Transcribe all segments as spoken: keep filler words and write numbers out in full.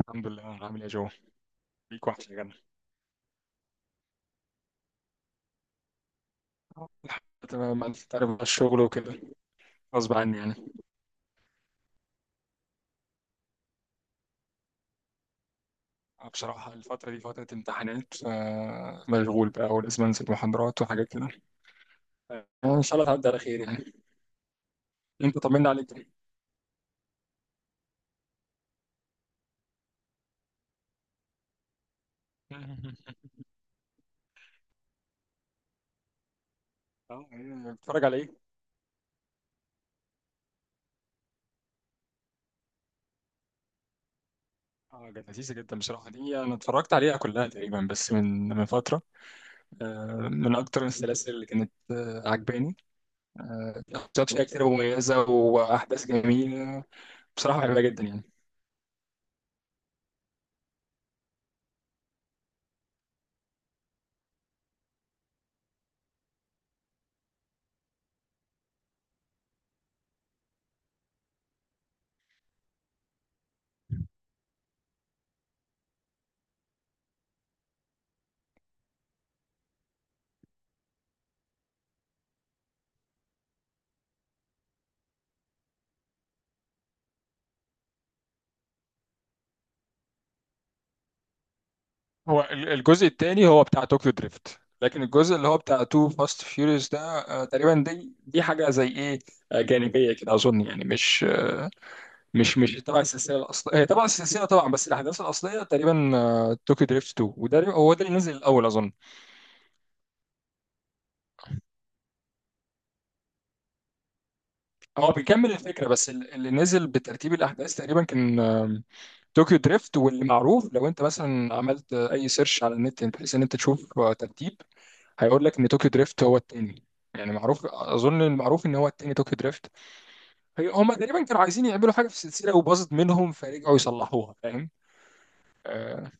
الحمد لله، عامل ايه يا جو؟ ليك واحد يا جدع. آه، الحمد لله تمام، انت تعرف بقى الشغل وكده، غصب عني يعني. آه، بصراحة الفترة دي فترة امتحانات، فمشغول بقى ولازم انزل محاضرات وحاجات كده. آه، ان شاء الله تعدي على خير يعني. انت طمنا عليك. اه، إيه، بتتفرج على ايه؟ اه كانت لذيذة جدا بصراحة دي، انا اتفرجت عليها كلها تقريبا بس من من فترة. آه، من اكتر السلاسل اللي كانت آه، عجباني. آه، شخصيات فيها كتير مميزة واحداث جميلة. بصراحة بحبها جدا يعني. هو ال- الجزء الثاني هو بتاع طوكيو دريفت، لكن الجزء اللي هو بتاع تو فاست فيوريوس ده آه، تقريبا دي دي حاجه زي ايه، آه، جانبيه كده اظن، يعني مش مش مش تبع السلسله الاصليه، هي تبع السلسله طبعا بس الاحداث الاصليه تقريبا. آه، طوكيو دريفت اتنين وده هو ده اللي نزل الاول اظن. هو بيكمل الفكره، بس ال- اللي نزل بترتيب الاحداث تقريبا كان طوكيو دريفت. واللي معروف لو انت مثلا عملت اي سيرش على النت بحيث ان انت تشوف ترتيب، هيقول لك ان طوكيو دريفت هو التاني. يعني معروف اظن، المعروف ان هو التاني طوكيو دريفت. هي هما تقريبا كانوا عايزين يعملوا حاجه في السلسله وباظت منهم، فرجعوا يصلحوها، فاهم؟ آه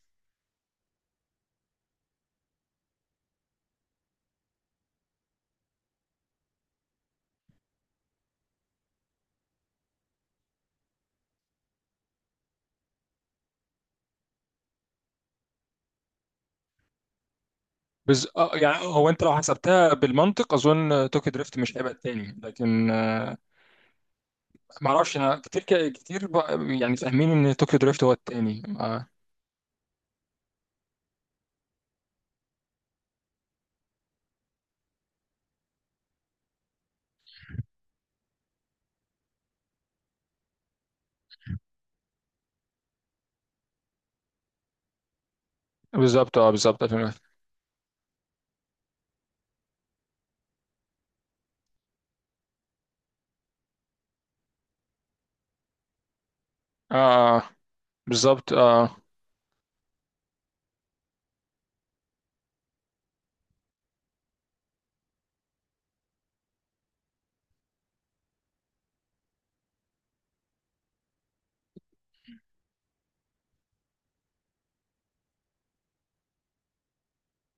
بز... آه يعني هو انت لو حسبتها بالمنطق اظن طوكيو دريفت مش هيبقى التاني، لكن آه، ما اعرفش انا كتير كتير بقى- يعني فاهمين ان طوكيو دريفت هو التاني، آه. بالظبط، اه بالظبط ألفين وواحد. اه، آه، بالظبط اه.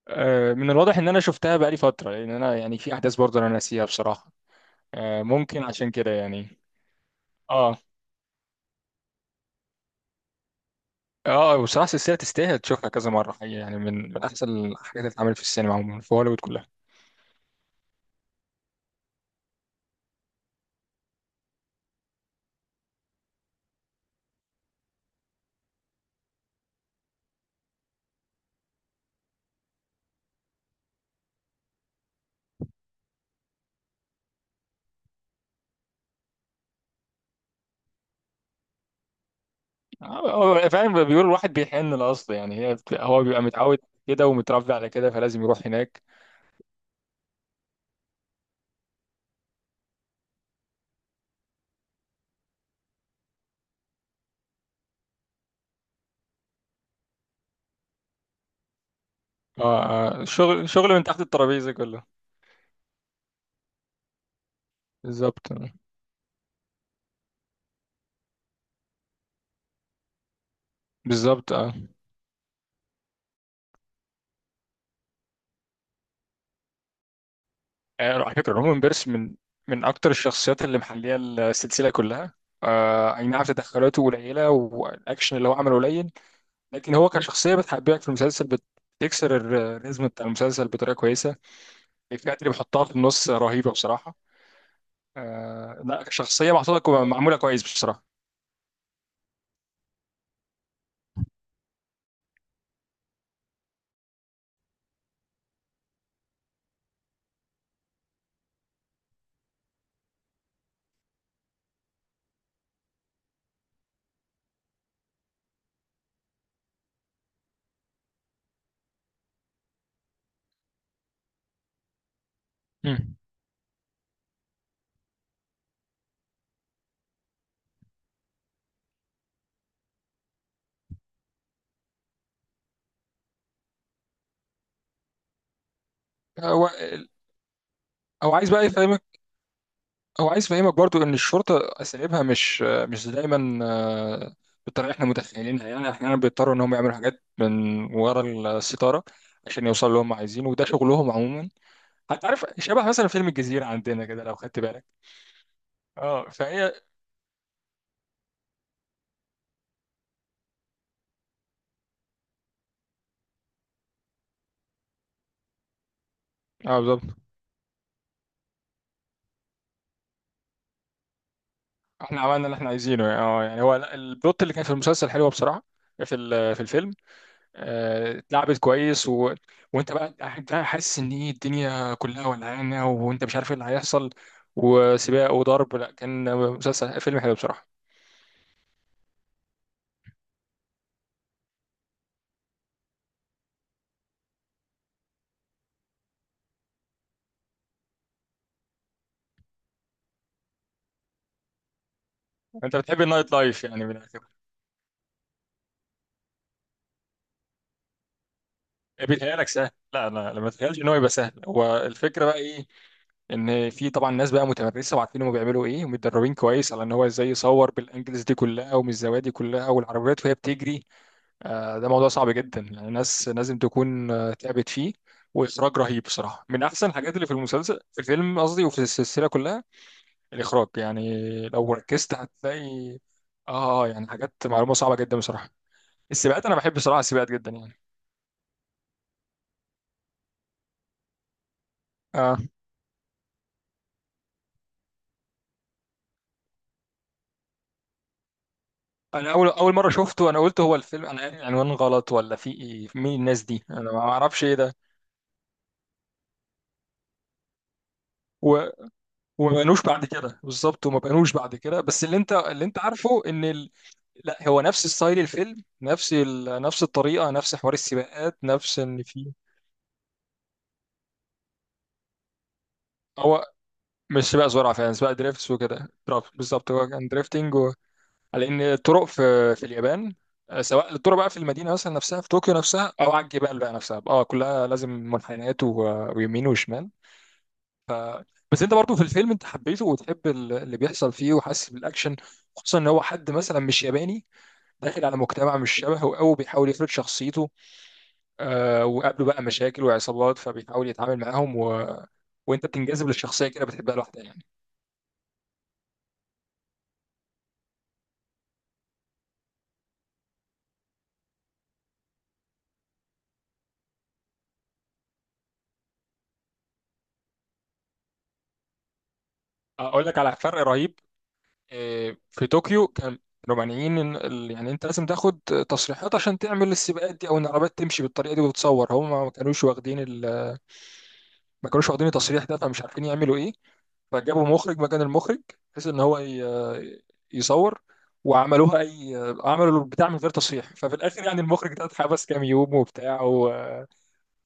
آه، من الواضح ان انا شفتها بقالي فتره، لان انا يعني في احداث برضه انا ناسيها بصراحه. آه، ممكن عشان كده يعني. اه. اه بصراحه السلسله تستاهل تشوفها كذا مره حقيقة، يعني من من احسن الحاجات اللي اتعملت في السينما عموما في هوليوود كلها. آه، آه، فعلا بيقول الواحد بيحن الاصل، يعني هي بت- هو بيبقى متعود كده ومتربي على كده، فلازم يروح هناك. اه، آه، شغل، شغل من تحت الترابيزه كله. بالظبط. بالظبط. آه، على فكرة رومان بيرس من من أكتر الشخصيات اللي محلية السلسلة كلها. آه، أي نعم تدخلاته قليلة والأكشن اللي هو عمله قليل، لكن هو كشخصية بتحببك في المسلسل، بت- بتكسر الر- الريزم بتاع المسلسل بطريقة كويسة. الإفيهات اللي بيحطها في النص رهيبة بصراحة. آه، لا شخصية محطوطة كو- معمولة كويس بصراحة. مم. هو هو عايز بقى يفهمك، هو عايز يفهمك برضو ان الشرطه اساليبها مش مش دايما آه، بالطريقه اللي احنا متخيلينها. يعني احيانا بيضطروا ان هم يعملوا حاجات من ورا الستاره عشان يوصلوا اللي هم عايزينه، وده شغلهم عموما. هتعرف شبه مثلا فيلم الجزيره عندنا كده لو خدت بالك. اه فهي. اه بالظبط. احنا عملنا اللي احنا عايزينه يعني، اه يعني هو لا، البلوت اللي كان في المسلسل حلوه بصراحه. في ال- في الفيلم آه، اتلعبت كويس، و... وانت بقى قاعد بقى حاسس ان ايه الدنيا كلها ولعانه وانت مش عارف ايه اللي هيحصل، وسباق وضرب، لا كان مسلسل فيلم حلو بصراحه. انت بتحب النايت لايف يعني من الاخر. بيتهيألك سهل؟ لا لا لا، ما تتخيلش ان هو يبقى سهل. هو الفكره بقى ايه؟ ان في طبعا ناس بقى متمرسه وعارفين هم بيعملوا ايه، ومتدربين كويس على ان هو ازاي يصور بالانجلز دي كلها ومن الزوايا دي كلها، والعربيات وهي بتجري. آه، ده موضوع صعب جدا، يعني الناس لازم تكون آه، تعبت فيه. واخراج رهيب بصراحه، من احسن الحاجات اللي في المسلسل، في الفيلم قصدي، وفي السلسله كلها الاخراج يعني. لو ركزت هتلاقي، اه يعني حاجات معلومه صعبه جدا بصراحه. السباقات انا بحب بصراحه السباقات جدا يعني. اه انا اول اول مره شفته انا قلت هو الفيلم، انا قاري العنوان غلط ولا في ايه؟ مين الناس دي؟ انا ما اعرفش ايه ده. و... وما بقنوش بعد كده بالظبط، وما بقنوش بعد كده، بس اللي انت اللي انت عارفه ان ال... لا هو نفس ستايل الفيلم، نفس ال... نفس الطريقه، نفس حوار السباقات، نفس ان في. هو مش سباق زرعه فعلا، سباق دريفتس وكده، درافت بالظبط، هو كان دريفتنج و... على ان الطرق في في اليابان، آه، سواء الطرق بقى في المدينه مثلا نفسها في طوكيو نفسها، او على الجبال بقى نفسها، اه كلها لازم منحنيات و... ويمين وشمال، ف... بس انت برضو في الفيلم انت حبيته، وتحب ال- اللي بيحصل فيه، وحاسس بالاكشن، خصوصا ان هو حد مثلا مش ياباني، داخل على مجتمع مش شبهه أوي، بيحاول يفرض شخصيته، آه وقابله بقى مشاكل وعصابات، فبيحاول يتعامل معاهم و... وانت بتنجذب للشخصيه كده، بتحبها لوحدها يعني. اقول لك على فرق رهيب. آه، في طوكيو كان كانوا مانعين ان ال- يعني انت لازم تاخد تصريحات عشان تعمل السباقات دي، او ان العربيات تمشي بالطريقه دي وتتصور. هم ما كانوش واخدين ال... ما كانوش واخدين التصريح ده، فمش عارفين يعملوا ايه. فجابوا مخرج مكان المخرج، بحيث ان هو ي- يصور، وعملوها اي، عملوا البتاع من غير تصحيح. ففي الاخر يعني المخرج ده اتحبس كام يوم وبتاع و-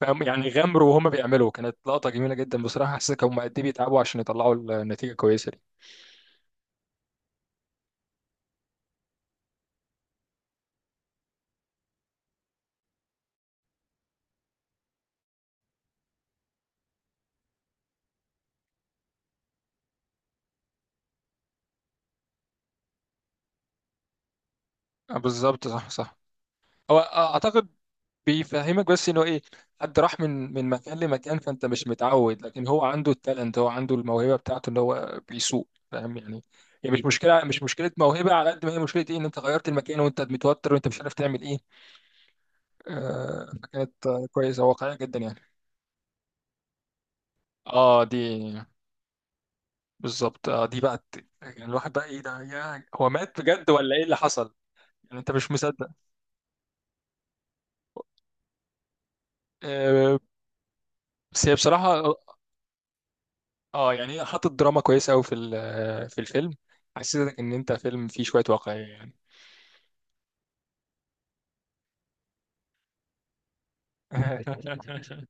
فهم يعني غامروا وهم بيعملوا، كانت لقطة جميلة جدا بصراحة، حسيت هم قد ايه بيتعبوا عشان يطلعوا النتيجة كويسة دي. بالظبط، صح صح. هو اعتقد بيفهمك بس انه ايه، حد راح من من مكان لمكان، فانت مش متعود، لكن هو عنده التالنت، هو عنده الموهبه بتاعته ان هو بيسوق، فاهم يعني. هي مش مشكله، مش مشكله موهبه على قد ما هي مشكله ايه، ان انت غيرت المكان وانت متوتر وانت مش عارف تعمل ايه. آه فكانت آه، كويسه واقعيه جدا يعني. اه دي بالظبط، اه دي بقى الت- يعني الواحد بقى ايه ده، يا هو مات بجد ولا ايه اللي حصل؟ يعني انت مش مصدق. آه، بس هي بصراحة اه، يعني هي حطت دراما كويسه قوي في ال- في الفيلم. حسيتك ان انت فيلم فيه شويه واقعيه يعني.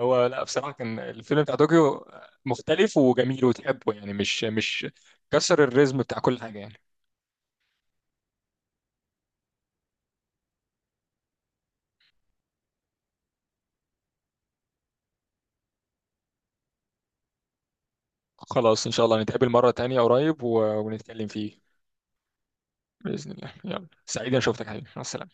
هو لا بصراحه كان الفيلم بتاع طوكيو مختلف وجميل وتحبه، يعني مش مش كسر الريزم بتاع كل حاجه يعني. خلاص ان شاء الله نتقابل مره تانية قريب و- ونتكلم فيه باذن الله. يلا، سعيد انا شفتك يا حبيبي، مع السلامه.